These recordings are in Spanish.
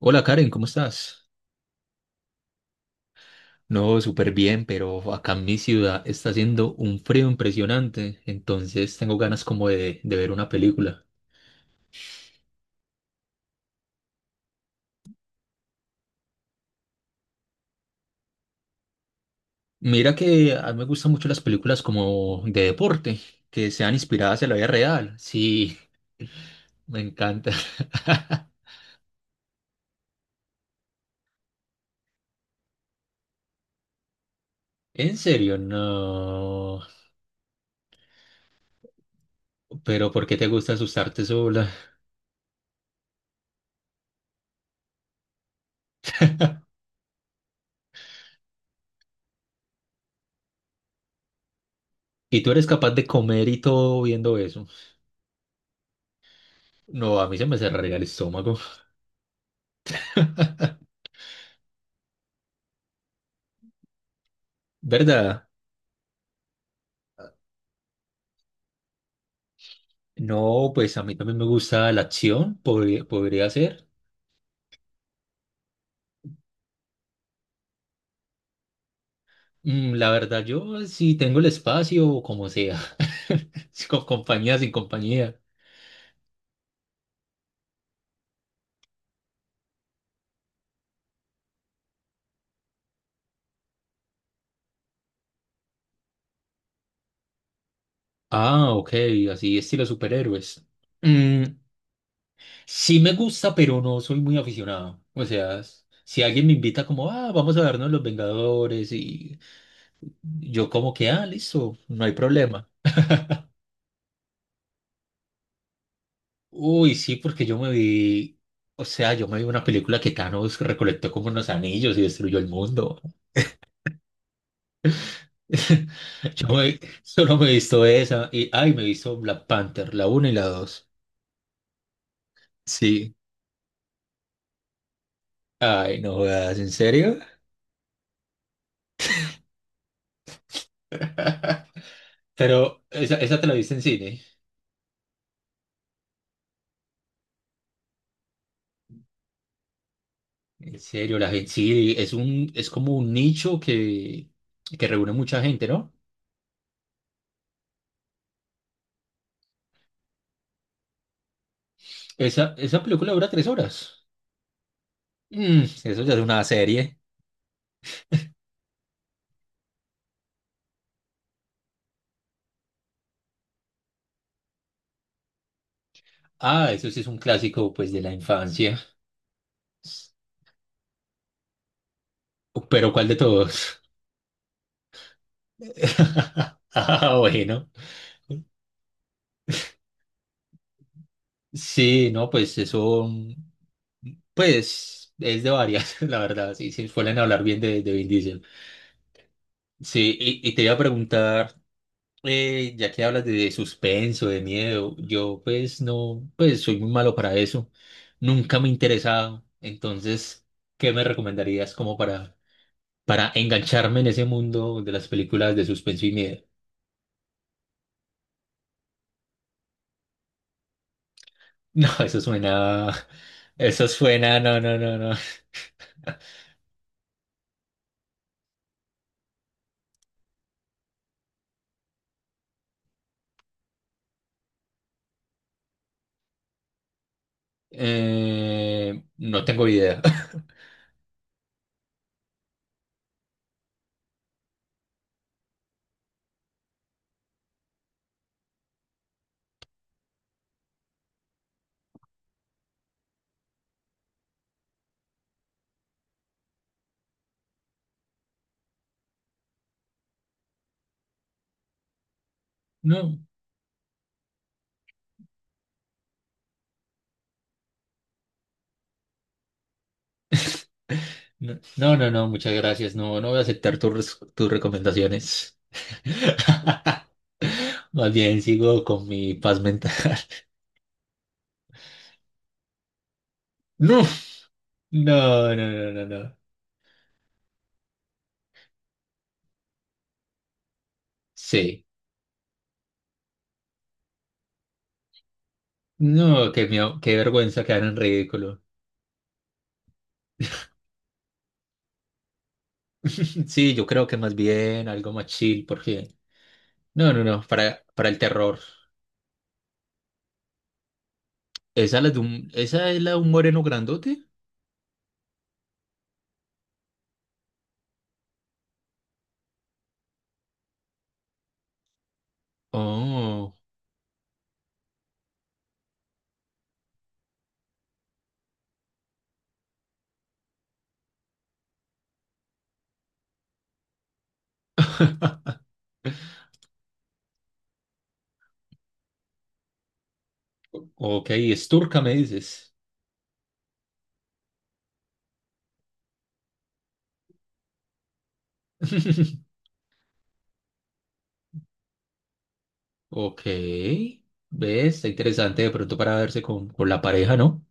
Hola Karen, ¿cómo estás? No, súper bien, pero acá en mi ciudad está haciendo un frío impresionante, entonces tengo ganas como de ver una película. Mira que a mí me gustan mucho las películas como de deporte, que sean inspiradas en la vida real. Sí, me encanta. En serio, no. Pero ¿por qué te gusta asustarte sola? ¿Y tú eres capaz de comer y todo viendo eso? No, a mí se me cerraría el estómago. ¿Verdad? No, pues a mí también me gusta la acción, podría ser. La verdad, yo sí tengo el espacio, o como sea. Si con compañía, sin compañía. Ah, ok, así estilo superhéroes. Mm, sí me gusta, pero no soy muy aficionado. O sea, si alguien me invita como, ah, vamos a vernos Los Vengadores y yo como que, ah, listo, no hay problema. Uy, sí, porque yo me vi, o sea, yo me vi una película que Thanos recolectó como unos anillos y destruyó el mundo. Solo me he visto esa y, ay, me he visto Black Panther, la 1 y la dos. Sí, ay, no jodas, ¿en serio? Pero esa te la viste en cine. En serio, la gente sí, es como un nicho que reúne mucha gente, ¿no? Esa película dura 3 horas. Eso ya es una serie. Ah, eso sí es un clásico, pues, de la infancia. Pero ¿cuál de todos? Ah, bueno. Sí, no, pues eso. Pues es de varias, la verdad, sí, sí, suelen hablar bien de Vin Diesel. Sí, y te iba a preguntar, ya que hablas de suspenso, de miedo, yo pues no, pues soy muy malo para eso, nunca me he interesado, entonces, ¿qué me recomendarías como para engancharme en ese mundo de las películas de suspenso y miedo? No, eso suena, no, no, no, no. No tengo idea. No. No, no, no, no, muchas gracias. No, no voy a aceptar tus recomendaciones. Más bien sigo con mi paz mental. No, no, no, no, no, no. Sí. No, qué miedo, qué vergüenza quedar en ridículo. Sí, yo creo que más bien algo más chill, porque. No, no, no, para el terror. ¿Esa, esa es la de un moreno grandote? Oh, ok, es turca, me dices. Ok. ¿Ves? Está interesante de pronto para verse con la pareja, ¿no?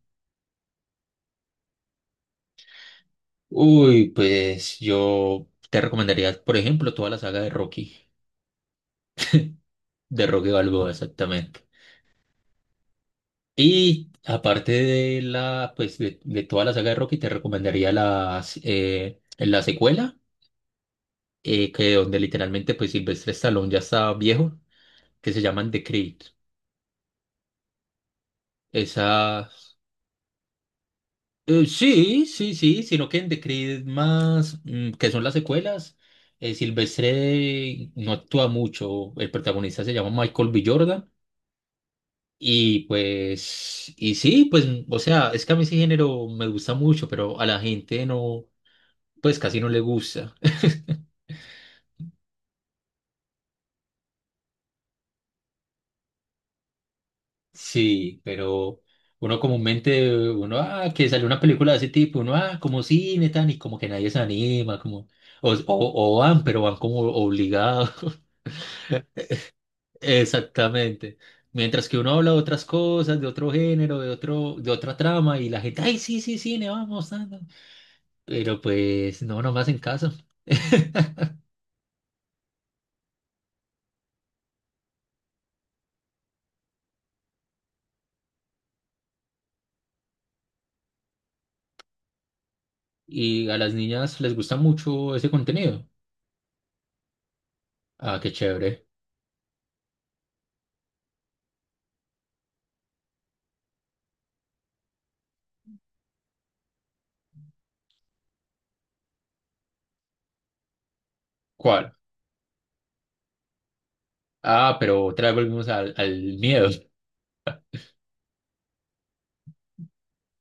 Uy, pues yo te recomendaría, por ejemplo, toda la saga de Rocky Balboa, exactamente. Y aparte de toda la saga de Rocky, te recomendaría la secuela, que donde literalmente pues Silvestre Stallone ya está viejo, que se llaman The Creed. Esa. Sí, sí, sí, sino que en The Creed más, que son las secuelas, Silvestre no actúa mucho, el protagonista se llama Michael B. Jordan y pues, y sí, pues, o sea, es que a mí ese género me gusta mucho, pero a la gente no, pues casi no le gusta. Sí, pero uno comúnmente, uno, ah, que sale una película de ese tipo, uno, ah, como cine, tan, y como que nadie se anima, como, o, o, o van, pero van como obligados. Exactamente. Mientras que uno habla de otras cosas, de otro género, de otra trama, y la gente, ay, sí, sí, sí, le vamos dando. Pero pues no, nomás en casa. Y a las niñas les gusta mucho ese contenido. Ah, qué chévere. ¿Cuál? Ah, pero otra vez volvimos al miedo.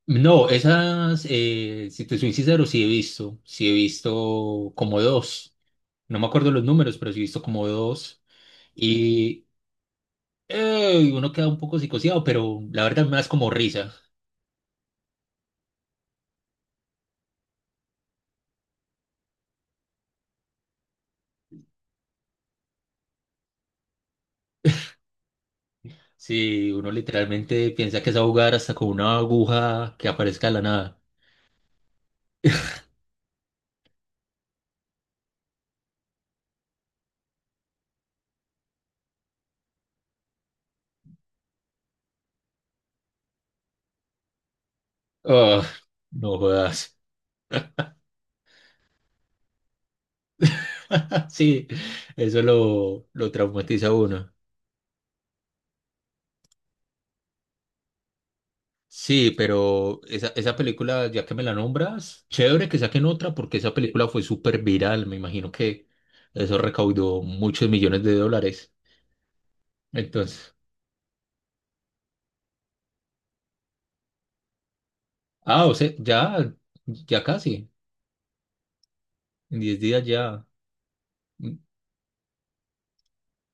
No, esas, si te soy sincero, sí he visto. Sí he visto como dos. No me acuerdo los números, pero sí he visto como dos. Y. Uno queda un poco psicoseado, pero la verdad me da como risa. Si uno literalmente piensa que es a jugar hasta con una aguja que aparezca de la nada. Ah, no jodas. Sí, eso lo traumatiza a uno. Sí, pero esa película, ya que me la nombras, chévere que saquen otra porque esa película fue súper viral. Me imagino que eso recaudó muchos millones de dólares. Entonces, ah, o sea, ya, ya casi, en 10 días ya.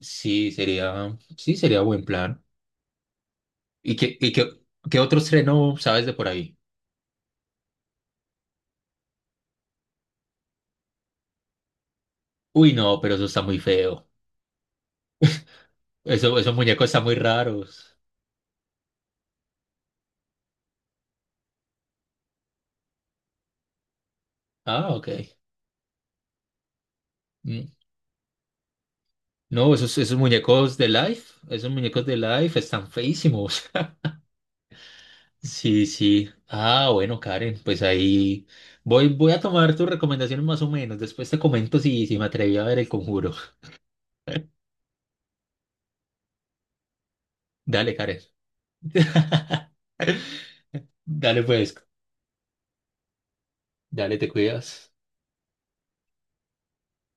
Sí, sería buen plan. ¿Y qué, y qué, qué otro estreno sabes de por ahí? Uy, no, pero eso está muy feo. Esos muñecos están muy raros. Ah, ok. Mm, No, esos, esos muñecos de Life, esos muñecos de Life están feísimos. Sí, sí. Ah, bueno, Karen, pues ahí voy a tomar tus recomendaciones más o menos. Después te comento si me atreví a ver El Conjuro. Dale, Karen. Dale, pues. Dale, te cuidas.